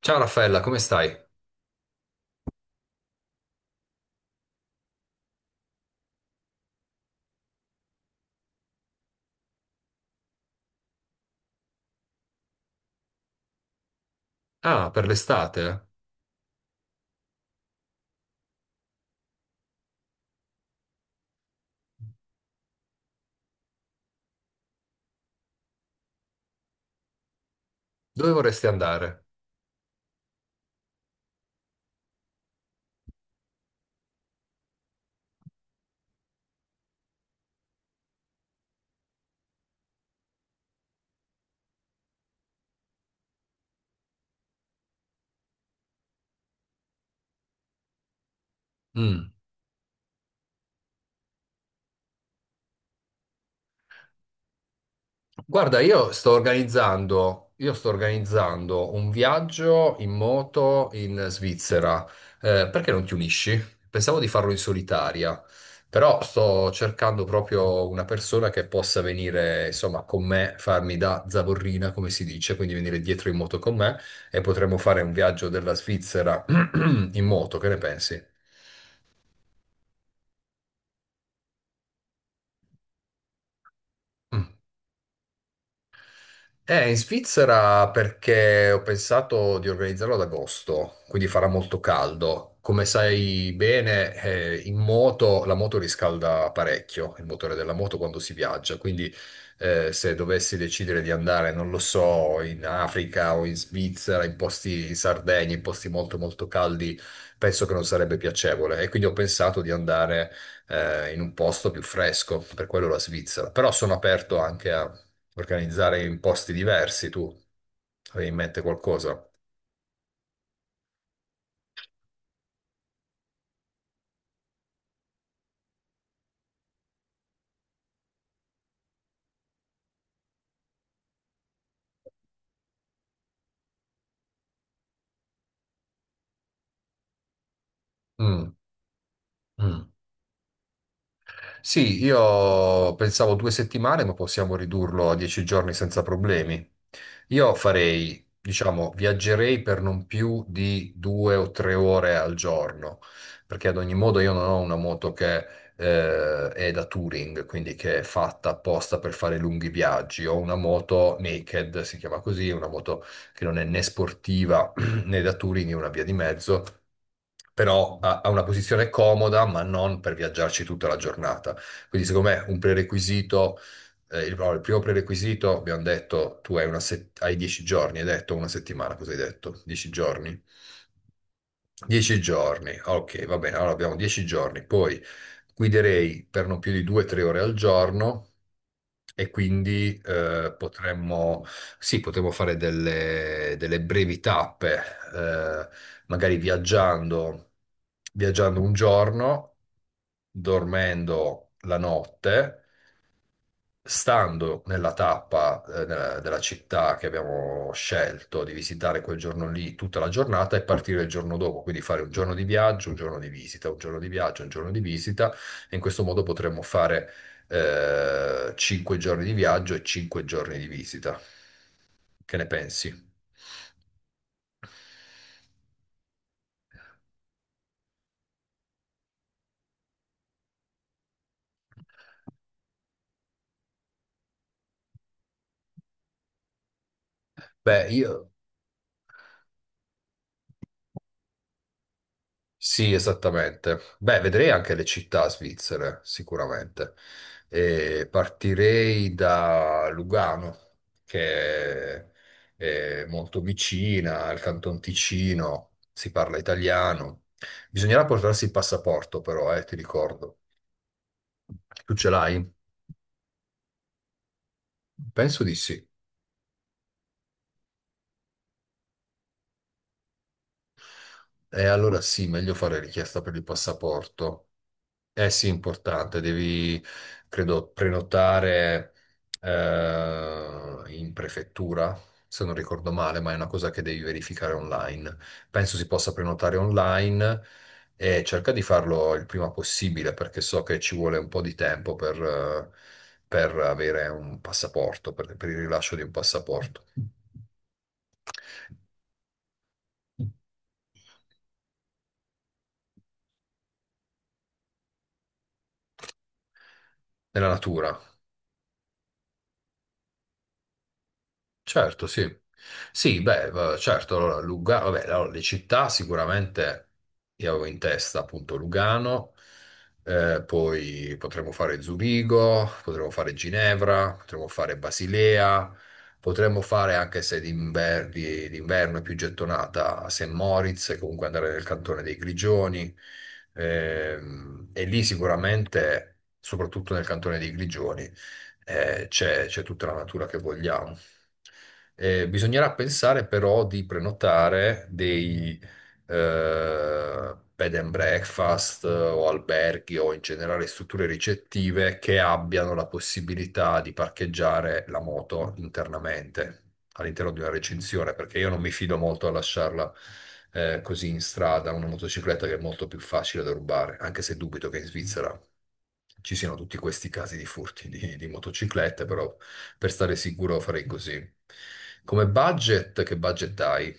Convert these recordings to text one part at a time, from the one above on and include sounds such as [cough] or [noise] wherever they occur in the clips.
Ciao Raffaella, come stai? Ah, per l'estate? Dove vorresti andare? Mm. Guarda, io sto organizzando un viaggio in moto in Svizzera. Perché non ti unisci? Pensavo di farlo in solitaria, però sto cercando proprio una persona che possa venire, insomma, con me, farmi da zavorrina, come si dice, quindi venire dietro in moto con me e potremmo fare un viaggio della Svizzera [clears throat] in moto, che ne pensi? Mm. In Svizzera perché ho pensato di organizzarlo ad agosto, quindi farà molto caldo. Come sai bene, in moto la moto riscalda parecchio, il motore della moto quando si viaggia, quindi se dovessi decidere di andare, non lo so, in Africa o in Svizzera, in posti in Sardegna, in posti molto molto caldi, penso che non sarebbe piacevole e quindi ho pensato di andare in un posto più fresco, per quello la Svizzera, però sono aperto anche organizzare in posti diversi. Tu avevi in mente qualcosa? Mm, mm. Sì, io pensavo 2 settimane, ma possiamo ridurlo a 10 giorni senza problemi. Io farei, diciamo, viaggerei per non più di due o tre ore al giorno, perché ad ogni modo io non ho una moto che è da touring, quindi che è fatta apposta per fare lunghi viaggi. Ho una moto naked, si chiama così, una moto che non è né sportiva [clears throat] né da touring, è una via di mezzo. Però ha una posizione comoda, ma non per viaggiarci tutta la giornata. Quindi secondo me un prerequisito, il, no, il primo prerequisito, abbiamo detto, tu hai, hai 10 giorni, hai detto una settimana, cosa hai detto? 10 giorni? 10 giorni, ok, va bene, allora abbiamo 10 giorni, poi guiderei per non più di 2-3 ore al giorno e quindi sì, potremmo fare delle brevi tappe, eh, magari viaggiando, un giorno, dormendo la notte, stando nella tappa, della città che abbiamo scelto di visitare quel giorno lì tutta la giornata, e partire il giorno dopo, quindi fare un giorno di viaggio, un giorno di visita, un giorno di viaggio, un giorno di visita, e in questo modo potremmo fare 5 giorni di viaggio e 5 giorni di visita. Che ne pensi? Beh, io. Sì, esattamente. Beh, vedrei anche le città svizzere, sicuramente. E partirei da Lugano, che è molto vicina al Canton Ticino, si parla italiano. Bisognerà portarsi il passaporto, però, ti ricordo. Tu ce l'hai? Penso di sì. E allora sì, meglio fare richiesta per il passaporto. Eh sì, importante, devi, credo, prenotare in prefettura, se non ricordo male, ma è una cosa che devi verificare online. Penso si possa prenotare online e cerca di farlo il prima possibile perché so che ci vuole un po' di tempo per, per avere un passaporto, per il rilascio di un passaporto nella natura. Certo, sì. Sì, beh, certo, allora Lugano, vabbè, allora, le città sicuramente io avevo in testa appunto Lugano. Poi potremmo fare Zurigo, potremmo fare Ginevra, potremmo fare Basilea, potremmo fare anche, se d'inverno è più gettonata, St. Moritz, e comunque andare nel cantone dei Grigioni. E lì sicuramente, soprattutto nel cantone dei Grigioni, c'è tutta la natura che vogliamo. Bisognerà pensare però di prenotare dei bed and breakfast, o alberghi, o in generale strutture ricettive che abbiano la possibilità di parcheggiare la moto internamente, all'interno di una recinzione, perché io non mi fido molto a lasciarla così in strada, una motocicletta che è molto più facile da rubare, anche se dubito che in Svizzera ci siano tutti questi casi di furti di motociclette, però per stare sicuro farei così. Come budget, che budget hai?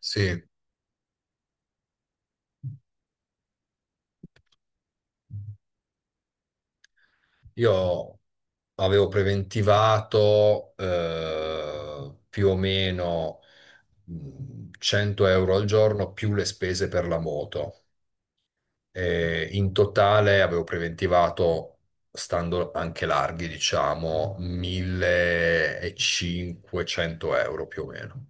Sì, io avevo preventivato più o meno, 100 euro al giorno, più le spese per la moto. E in totale avevo preventivato, stando anche larghi, diciamo, 1.500 euro più o meno.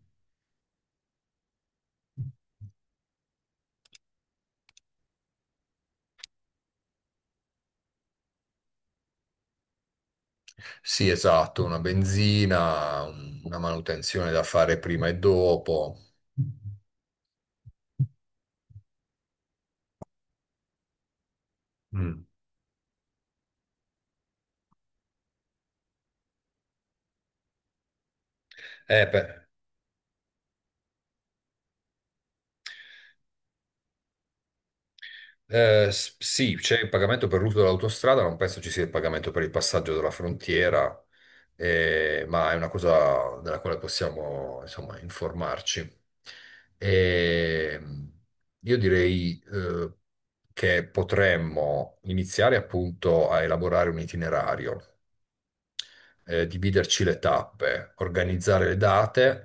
Sì, esatto, una benzina, una manutenzione da fare prima e dopo. Mm. Beh, sì, c'è il pagamento per l'uso dell'autostrada, non penso ci sia il pagamento per il passaggio della frontiera, ma è una cosa della quale possiamo, insomma, informarci. E io direi, che potremmo iniziare appunto a elaborare un itinerario, dividerci le tappe, organizzare le date,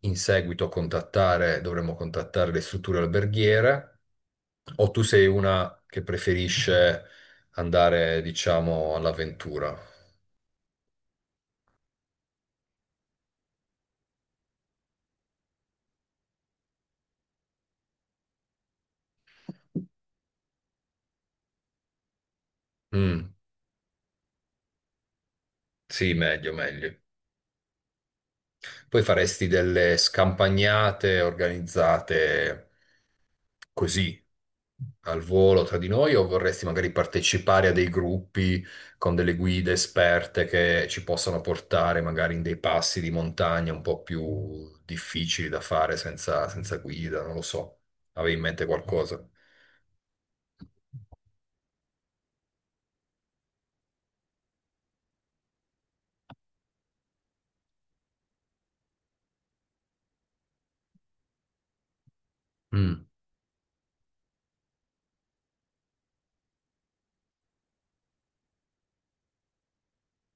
in seguito contattare, dovremmo contattare le strutture alberghiere. O tu sei una che preferisce andare, diciamo, all'avventura? Mm, sì, meglio, meglio. Poi faresti delle scampagnate organizzate così, al volo tra di noi, o vorresti magari partecipare a dei gruppi con delle guide esperte che ci possano portare magari in dei passi di montagna un po' più difficili da fare senza, senza guida? Non lo so. Avevi in mente qualcosa? Mm.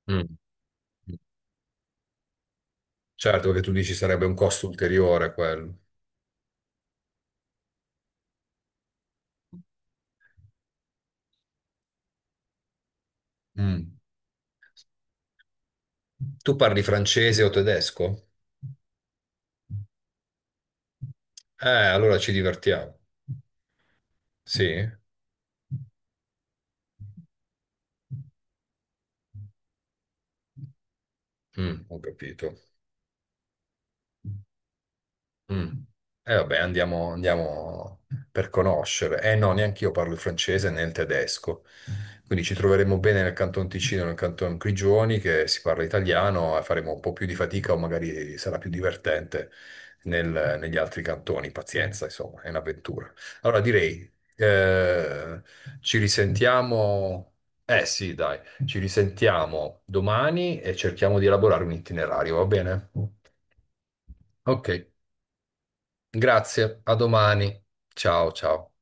Mm. Certo, perché tu dici sarebbe un costo ulteriore quello. Mm. Tu parli francese o tedesco? Allora ci divertiamo. Sì? Ho capito. Mm. E vabbè, andiamo, andiamo per conoscere. Eh no, neanche io parlo il francese né il tedesco. Quindi ci troveremo bene nel Canton Ticino, nel Canton Grigioni, che si parla italiano, e faremo un po' più di fatica, o magari sarà più divertente negli altri cantoni. Pazienza, insomma, è un'avventura. Allora direi, ci risentiamo. Eh sì, dai, ci risentiamo domani e cerchiamo di elaborare un itinerario, va bene? Ok. Grazie, a domani. Ciao, ciao.